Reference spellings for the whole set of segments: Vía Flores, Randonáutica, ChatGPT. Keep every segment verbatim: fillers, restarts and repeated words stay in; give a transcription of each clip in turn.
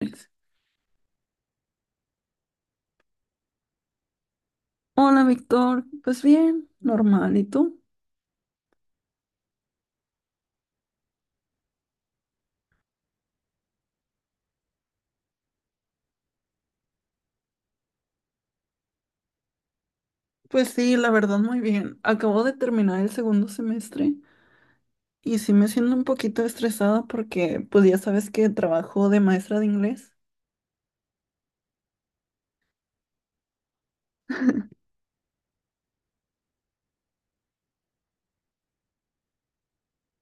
Alex. Hola, Víctor. Pues bien, normal. ¿Y tú? Pues sí, la verdad muy bien. Acabo de terminar el segundo semestre y sí me siento un poquito estresada porque pues ya sabes que trabajo de maestra de inglés.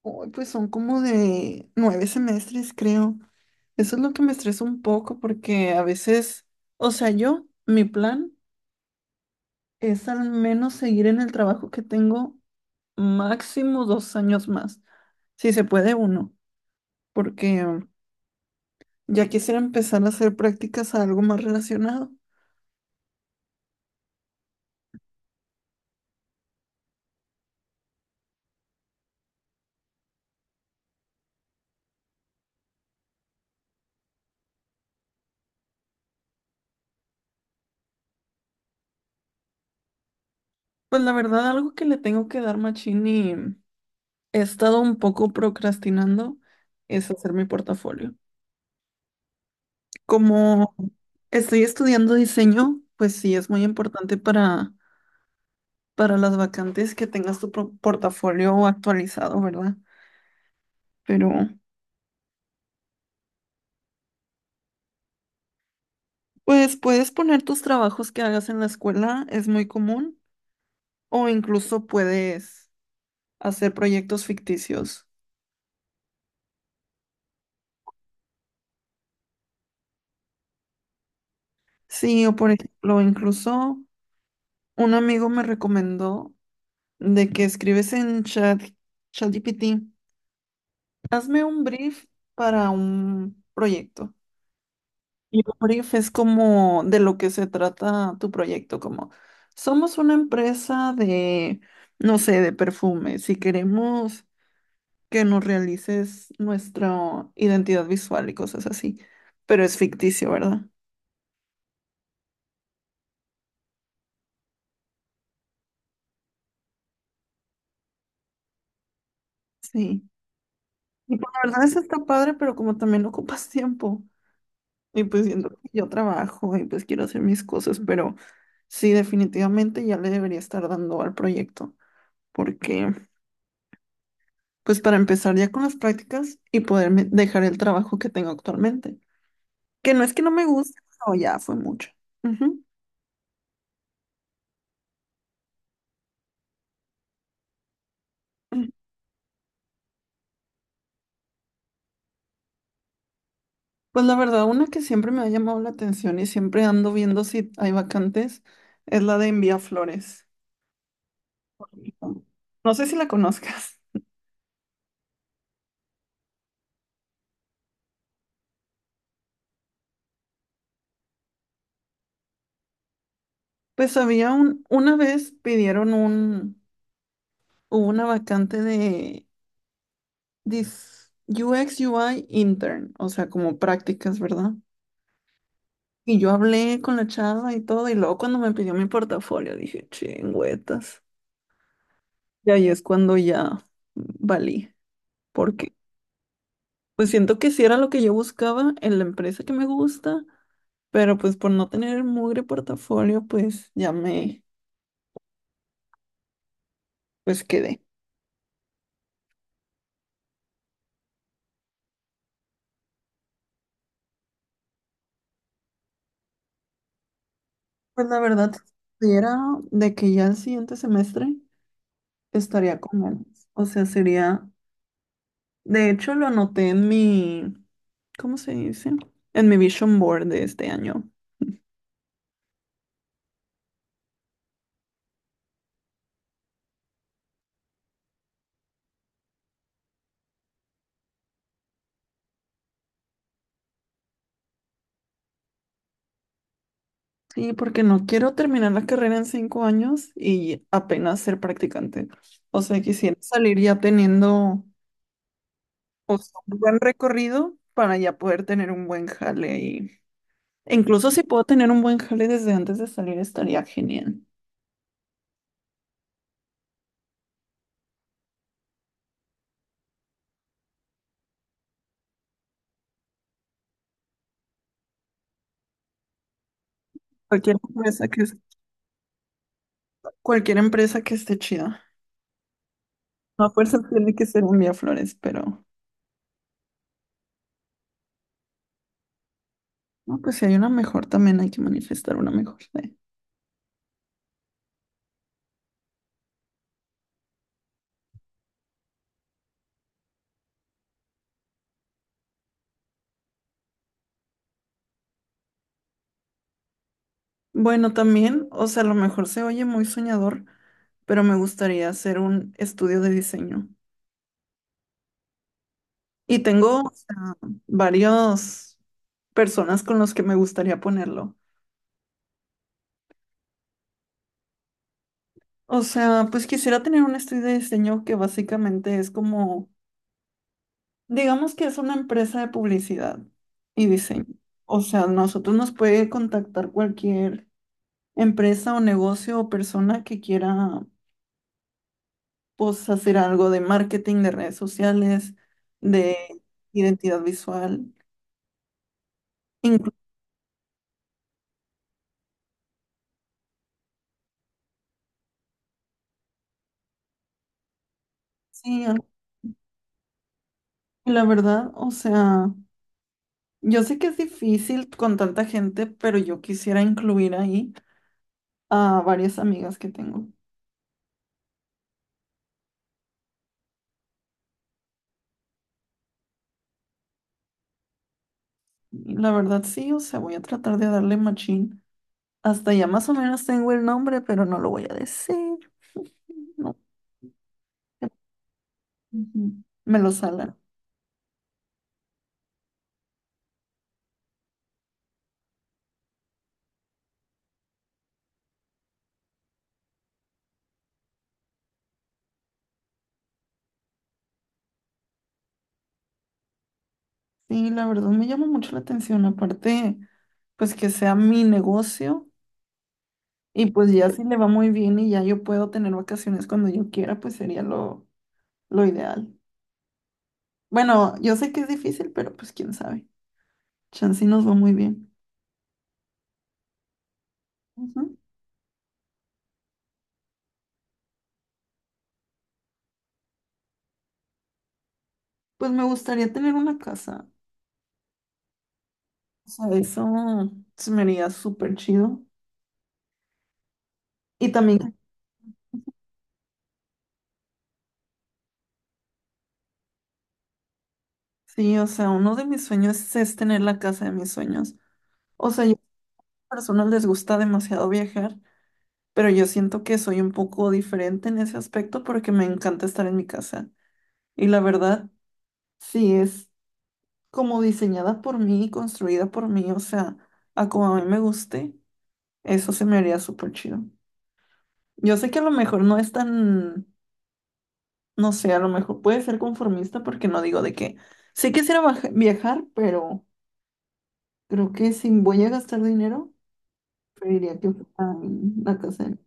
Hoy pues son como de nueve semestres, creo. Eso es lo que me estresa un poco porque a veces, o sea, yo, mi plan es al menos seguir en el trabajo que tengo máximo dos años más, si se puede uno, porque ya quisiera empezar a hacer prácticas a algo más relacionado. Pues la verdad, algo que le tengo que dar machín y he estado un poco procrastinando es hacer mi portafolio. Como estoy estudiando diseño, pues sí es muy importante para, para las vacantes que tengas tu pro- portafolio actualizado, ¿verdad? Pero pues puedes poner tus trabajos que hagas en la escuela, es muy común, o incluso puedes hacer proyectos ficticios. Sí, o por ejemplo, incluso un amigo me recomendó de que escribes en chat, ChatGPT, hazme un brief para un proyecto. Y un brief es como de lo que se trata tu proyecto, como somos una empresa de, no sé, de perfumes y queremos que nos realices nuestra identidad visual y cosas así. Pero es ficticio, ¿verdad? Sí. Y pues, la verdad es está padre, pero como también ocupas tiempo. Y pues siento que yo trabajo y pues quiero hacer mis cosas, pero sí, definitivamente ya le debería estar dando al proyecto, porque pues para empezar ya con las prácticas y poderme dejar el trabajo que tengo actualmente, que no es que no me guste, pero ya fue mucho. Ujú. Mm, pues la verdad, una que siempre me ha llamado la atención y siempre ando viendo si hay vacantes es la de envía flores. No sé si la conozcas. Pues había un, una vez pidieron un, hubo una vacante de dice U X U I intern, o sea, como prácticas, ¿verdad? Y yo hablé con la chava y todo, y luego cuando me pidió mi portafolio dije, chingüetas. Y ahí es cuando ya valí, porque pues siento que sí era lo que yo buscaba en la empresa que me gusta, pero pues por no tener mugre portafolio, pues ya me, pues quedé. Pues la verdad, si era de que ya el siguiente semestre estaría con él, o sea, sería, de hecho, lo anoté en mi, ¿cómo se dice? En mi vision board de este año. Sí, porque no quiero terminar la carrera en cinco años y apenas ser practicante. O sea, quisiera salir ya teniendo, o sea, un buen recorrido para ya poder tener un buen jale. Y e incluso si puedo tener un buen jale desde antes de salir, estaría genial. Cualquier empresa que Cualquier empresa que esté chida. A fuerza tiene que ser un Vía Flores, pero no, pues si hay una mejor, también hay que manifestar una mejor, ¿eh? Bueno, también, o sea, a lo mejor se oye muy soñador, pero me gustaría hacer un estudio de diseño. Y tengo, o sea, varios personas con los que me gustaría ponerlo. O sea, pues quisiera tener un estudio de diseño que básicamente es como, digamos que es una empresa de publicidad y diseño. O sea, nosotros nos puede contactar cualquier empresa o negocio o persona que quiera, pues, hacer algo de marketing, de redes sociales, de identidad visual, incluso. La verdad, o sea, yo sé que es difícil con tanta gente, pero yo quisiera incluir ahí a varias amigas que tengo. Y la verdad, sí, o sea, voy a tratar de darle machín. Hasta ya más o menos tengo el nombre, pero no lo voy a decir. No. Ujú. Me lo salan. Sí, la verdad me llama mucho la atención. Aparte, pues que sea mi negocio y pues ya si le va muy bien y ya yo puedo tener vacaciones cuando yo quiera, pues sería lo, lo ideal. Bueno, yo sé que es difícil, pero pues quién sabe. Chance y nos va muy bien. Ujú. Pues me gustaría tener una casa. O sea, eso se me haría súper chido. Y también sí, o sea, uno de mis sueños es tener la casa de mis sueños. O sea, yo- a las personas les gusta demasiado viajar, pero yo siento que soy un poco diferente en ese aspecto porque me encanta estar en mi casa. Y la verdad, sí es como diseñada por mí, construida por mí, o sea, a como a mí me guste, eso se me haría súper chido. Yo sé que a lo mejor no es tan, no sé, a lo mejor puede ser conformista porque no digo de que sí quisiera baja- viajar, pero creo que si voy a gastar dinero, preferiría que fuera en la casa de...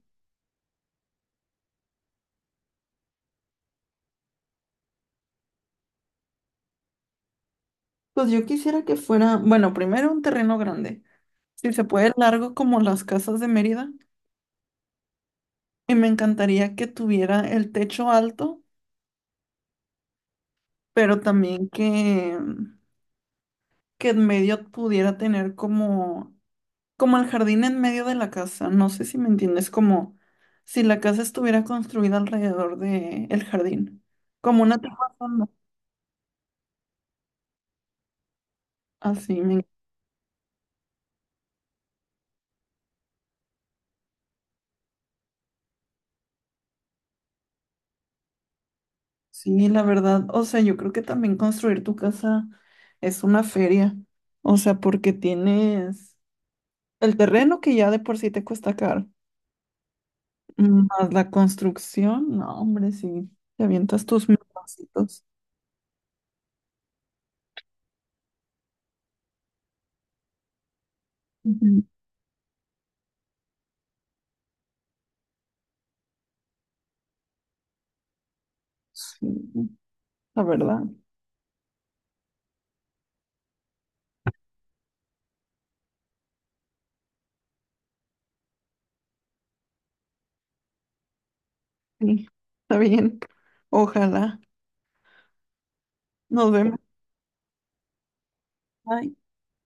Pues yo quisiera que fuera, bueno, primero un terreno grande, si se puede largo como las casas de Mérida, y me encantaría que tuviera el techo alto, pero también que, que en medio pudiera tener como, como el jardín en medio de la casa, no sé si me entiendes, como si la casa estuviera construida alrededor de el jardín, como una terraza, ¿no? Así, me... Sí, la verdad, o sea, yo creo que también construir tu casa es una feria, o sea, porque tienes el terreno que ya de por sí te cuesta caro, más la construcción, no, hombre, sí, te avientas tus milloncitos. Ujú. Sí, la verdad, sí, está bien, ojalá, nos vemos. Bye.